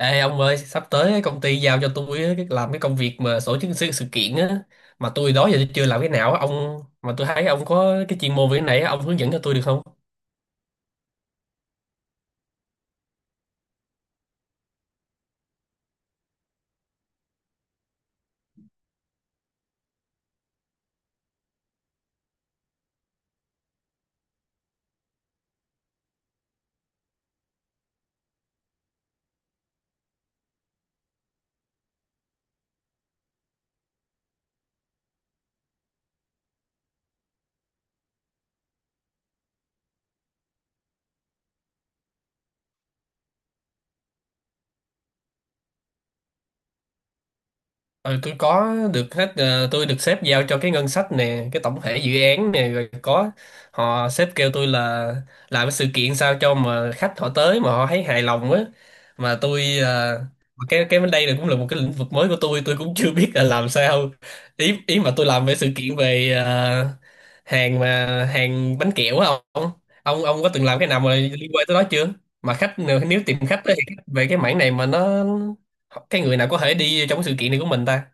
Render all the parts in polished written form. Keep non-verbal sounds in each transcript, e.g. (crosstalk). Ê ông ơi, sắp tới công ty giao cho tôi á, cái làm cái công việc mà tổ chức sự kiện á, mà tôi đó giờ tôi chưa làm cái nào á ông, mà tôi thấy ông có cái chuyên môn về cái này á, ông hướng dẫn cho tôi được không? Ừ, tôi có được hết, tôi được sếp giao cho cái ngân sách nè, cái tổng thể dự án nè rồi. Có họ sếp kêu tôi là làm cái sự kiện sao cho mà khách họ tới mà họ thấy hài lòng á, mà cái bên đây này cũng là một cái lĩnh vực mới của tôi cũng chưa biết là làm sao. Ý ý mà tôi làm về sự kiện về hàng mà hàng bánh kẹo á. Ông ông ông có từng làm cái nào mà liên quan tới đó chưa mà khách? Nếu tìm khách á, thì khách về cái mảng này mà nó, cái người nào có thể đi trong cái sự kiện này của mình ta?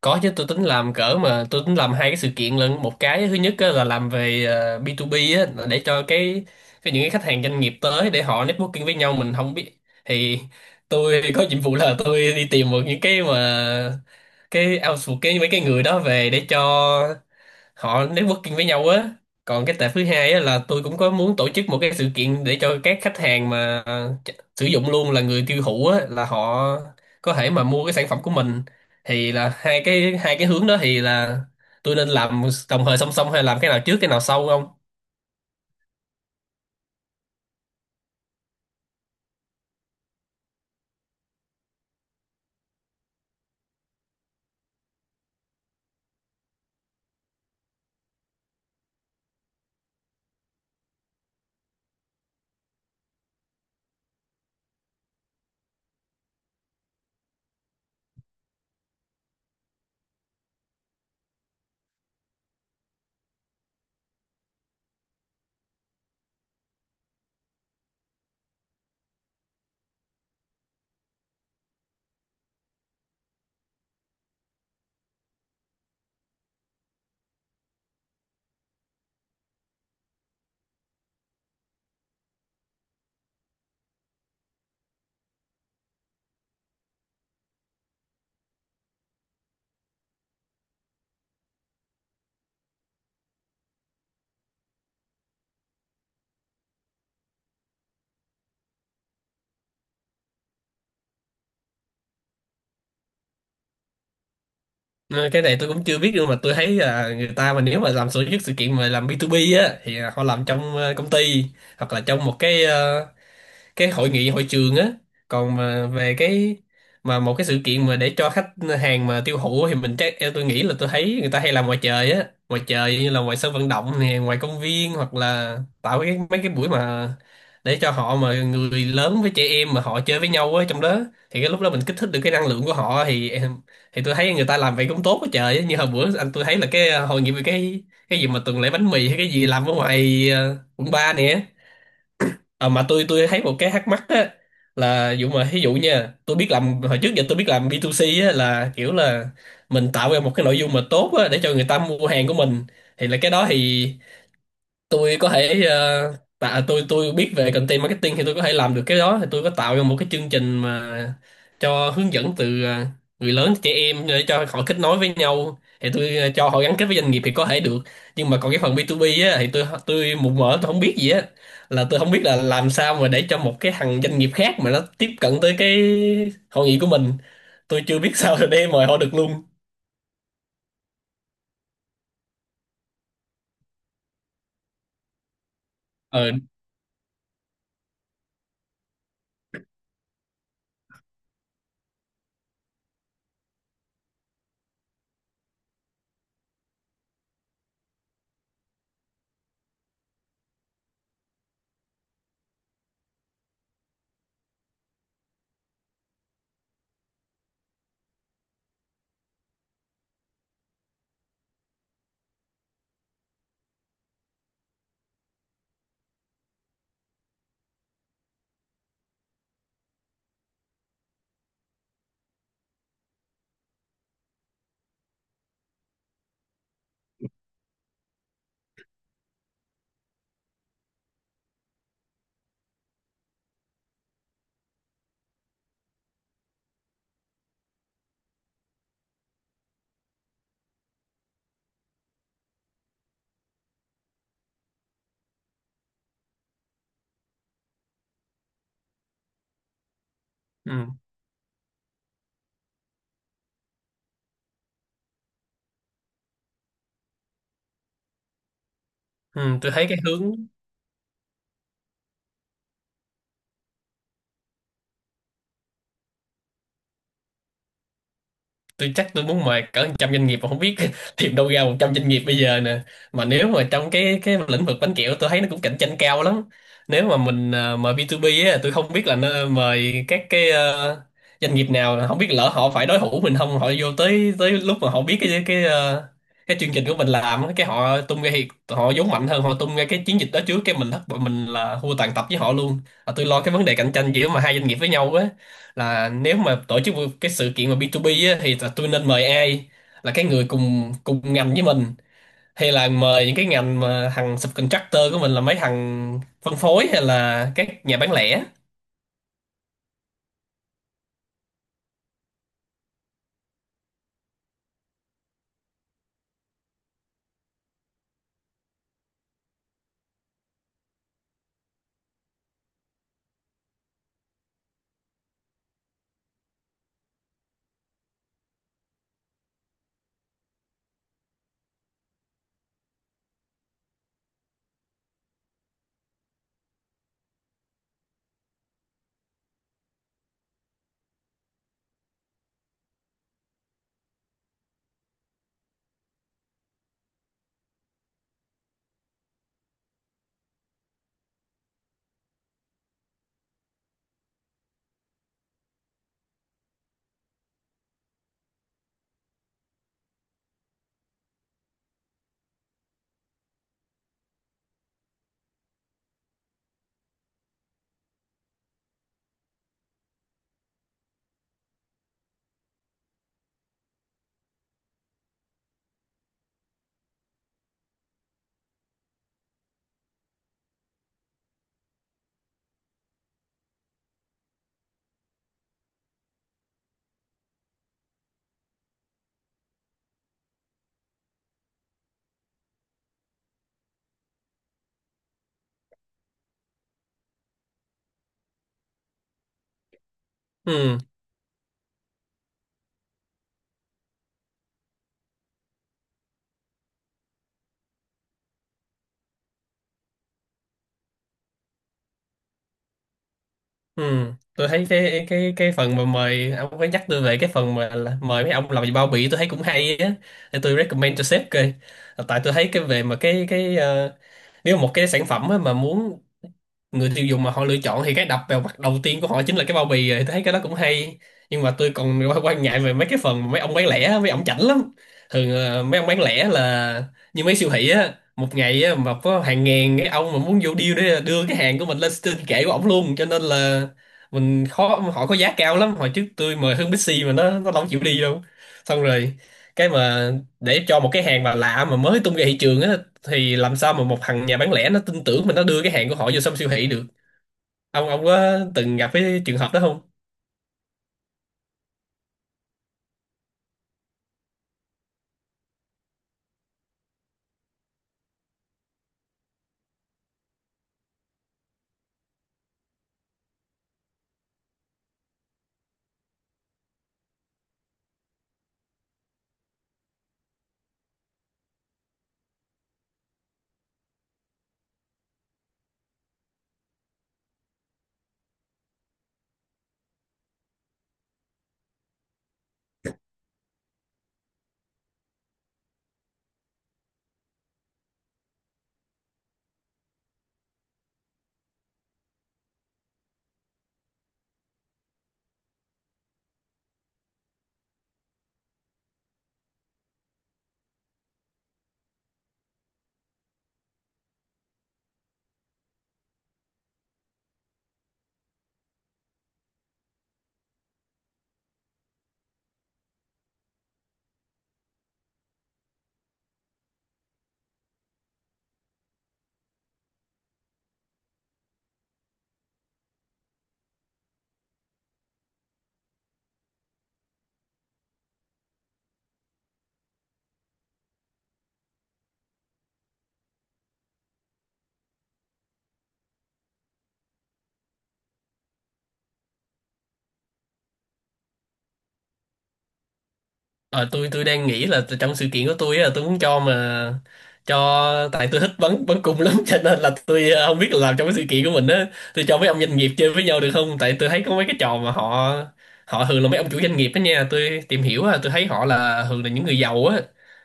Có chứ, tôi tính làm hai cái sự kiện lận. Một cái thứ nhất á, là làm về B2B á, là để cho cái những cái khách hàng doanh nghiệp tới để họ networking với nhau, mình không biết thì tôi (laughs) có nhiệm vụ là tôi đi tìm một những cái mà cái outsource, cái mấy cái người đó về để cho họ networking với nhau á. Còn cái tệp thứ hai á là tôi cũng có muốn tổ chức một cái sự kiện để cho các khách hàng mà sử dụng luôn, là người tiêu thụ á, là họ có thể mà mua cái sản phẩm của mình. Thì là hai cái hướng đó thì là tôi nên làm đồng thời song song hay làm cái nào trước cái nào sau không? Ừ, cái này tôi cũng chưa biết, nhưng mà tôi thấy là người ta mà nếu mà làm tổ chức sự kiện mà làm B2B á thì họ làm trong công ty, hoặc là trong một cái hội nghị hội trường á. Còn mà về cái, mà một cái sự kiện mà để cho khách hàng mà tiêu thụ thì mình chắc, tôi nghĩ là tôi thấy người ta hay làm ngoài trời á, ngoài trời như là ngoài sân vận động nè, ngoài công viên, hoặc là tạo cái mấy cái buổi mà để cho họ, mà người lớn với trẻ em mà họ chơi với nhau á trong đó. Thì cái lúc đó mình kích thích được cái năng lượng của họ thì tôi thấy người ta làm vậy cũng tốt quá trời á. Như hồi bữa anh tôi thấy là hội nghị về cái gì mà tuần lễ bánh mì hay cái gì làm ở ngoài quận ba nè. À, mà tôi thấy một cái thắc mắc á, là dụ mà ví dụ nha, tôi biết làm hồi trước giờ tôi biết làm B2C á, là kiểu là mình tạo ra một cái nội dung mà tốt á, để cho người ta mua hàng của mình. Thì là cái đó thì tôi có thể ờ, tạ tôi biết về content marketing thì tôi có thể làm được cái đó, thì tôi có tạo ra một cái chương trình mà cho hướng dẫn từ người lớn tới trẻ em để cho họ kết nối với nhau, thì cho họ gắn kết với doanh nghiệp thì có thể được. Nhưng mà còn cái phần B2B á thì tôi mù mờ, tôi không biết gì á, là tôi không biết là làm sao mà để cho một cái thằng doanh nghiệp khác mà nó tiếp cận tới cái hội nghị của mình. Tôi chưa biết (laughs) sao để mời họ được luôn. Ờ. Ừ. Ừ, tôi thấy cái hướng, tôi chắc tôi muốn mời cỡ 100 doanh nghiệp mà không biết (laughs) tìm đâu ra 100 doanh nghiệp bây giờ nè. Mà nếu mà trong cái lĩnh vực bánh kẹo tôi thấy nó cũng cạnh tranh cao lắm. Nếu mà mình mời B2B á, tôi không biết là nó mời các doanh nghiệp nào, không biết lỡ họ phải đối thủ mình không, họ vô tới, tới lúc mà họ biết cái chương trình của mình làm á, cái họ tung ra thì họ vốn mạnh hơn, họ tung ra cái chiến dịch đó trước, cái mình thất bại, mình là thua tàn tập với họ luôn. À, tôi lo cái vấn đề cạnh tranh giữa mà hai doanh nghiệp với nhau, là nếu mà tổ chức một cái sự kiện mà B2B á, thì là tôi nên mời ai? Là cái người cùng cùng ngành với mình, hay là mời những cái ngành mà thằng subcontractor của mình là mấy thằng phân phối, hay là các nhà bán lẻ? Ừ. Ừ, tôi thấy cái phần mà mời, ông có nhắc tôi về cái phần mà là mời mấy ông làm gì bao bì tôi thấy cũng hay á, để tôi recommend cho sếp coi. Tại tôi thấy cái về mà nếu mà một cái sản phẩm á, mà muốn người tiêu dùng mà họ lựa chọn thì cái đập vào mặt đầu tiên của họ chính là cái bao bì rồi. Tôi thấy cái đó cũng hay, nhưng mà tôi còn quan quan ngại về mấy cái phần mà mấy ông bán lẻ mấy ông chảnh lắm. Thường mấy ông bán lẻ là như mấy siêu thị á, một ngày á, mà có hàng ngàn cái ông mà muốn vô deal để đưa cái hàng của mình lên trên kệ của ổng luôn, cho nên là mình khó, họ có giá cao lắm. Hồi trước tôi mời Hương Bixi mà nó không chịu đi đâu. Xong rồi cái mà để cho một cái hàng mà lạ mà mới tung ra thị trường á, thì làm sao mà một thằng nhà bán lẻ nó tin tưởng mình nó đưa cái hàng của họ vô trong siêu thị được? Ông có từng gặp cái trường hợp đó không? Ờ, tôi đang nghĩ là trong sự kiện của tôi á, là tôi muốn cho mà cho, tại tôi thích bắn bắn cung (laughs) lắm cho nên là không biết là làm trong cái sự kiện của mình á, tôi cho mấy ông doanh nghiệp chơi với nhau được không? Tại tôi thấy có mấy cái trò mà họ họ thường là mấy ông chủ doanh nghiệp đó nha, tôi tìm hiểu á, tôi thấy họ là thường là những người giàu á,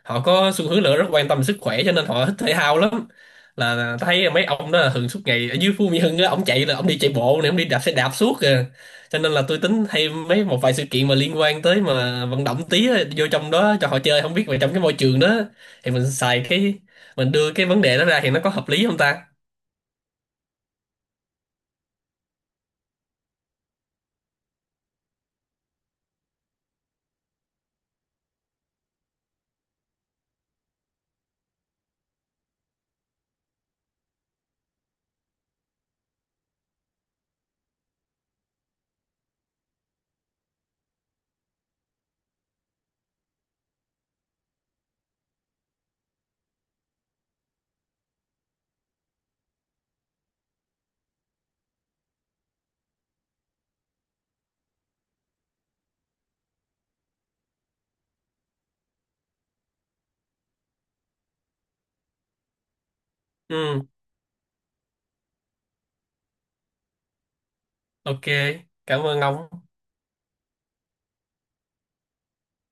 họ có xu hướng là rất quan tâm sức khỏe cho nên họ thích thể thao lắm. Là thấy mấy ông đó là thường suốt ngày ở dưới Phú Mỹ Hưng á, ông chạy, là ông đi chạy bộ này, ông đi đạp xe đạp suốt kìa. Cho nên là tôi tính hay mấy một vài sự kiện mà liên quan tới mà vận động tí á, vô trong đó cho họ chơi, không biết về trong cái môi trường đó thì mình xài cái, mình đưa cái vấn đề đó ra thì nó có hợp lý không ta? Ừ. OK, cảm ơn ông.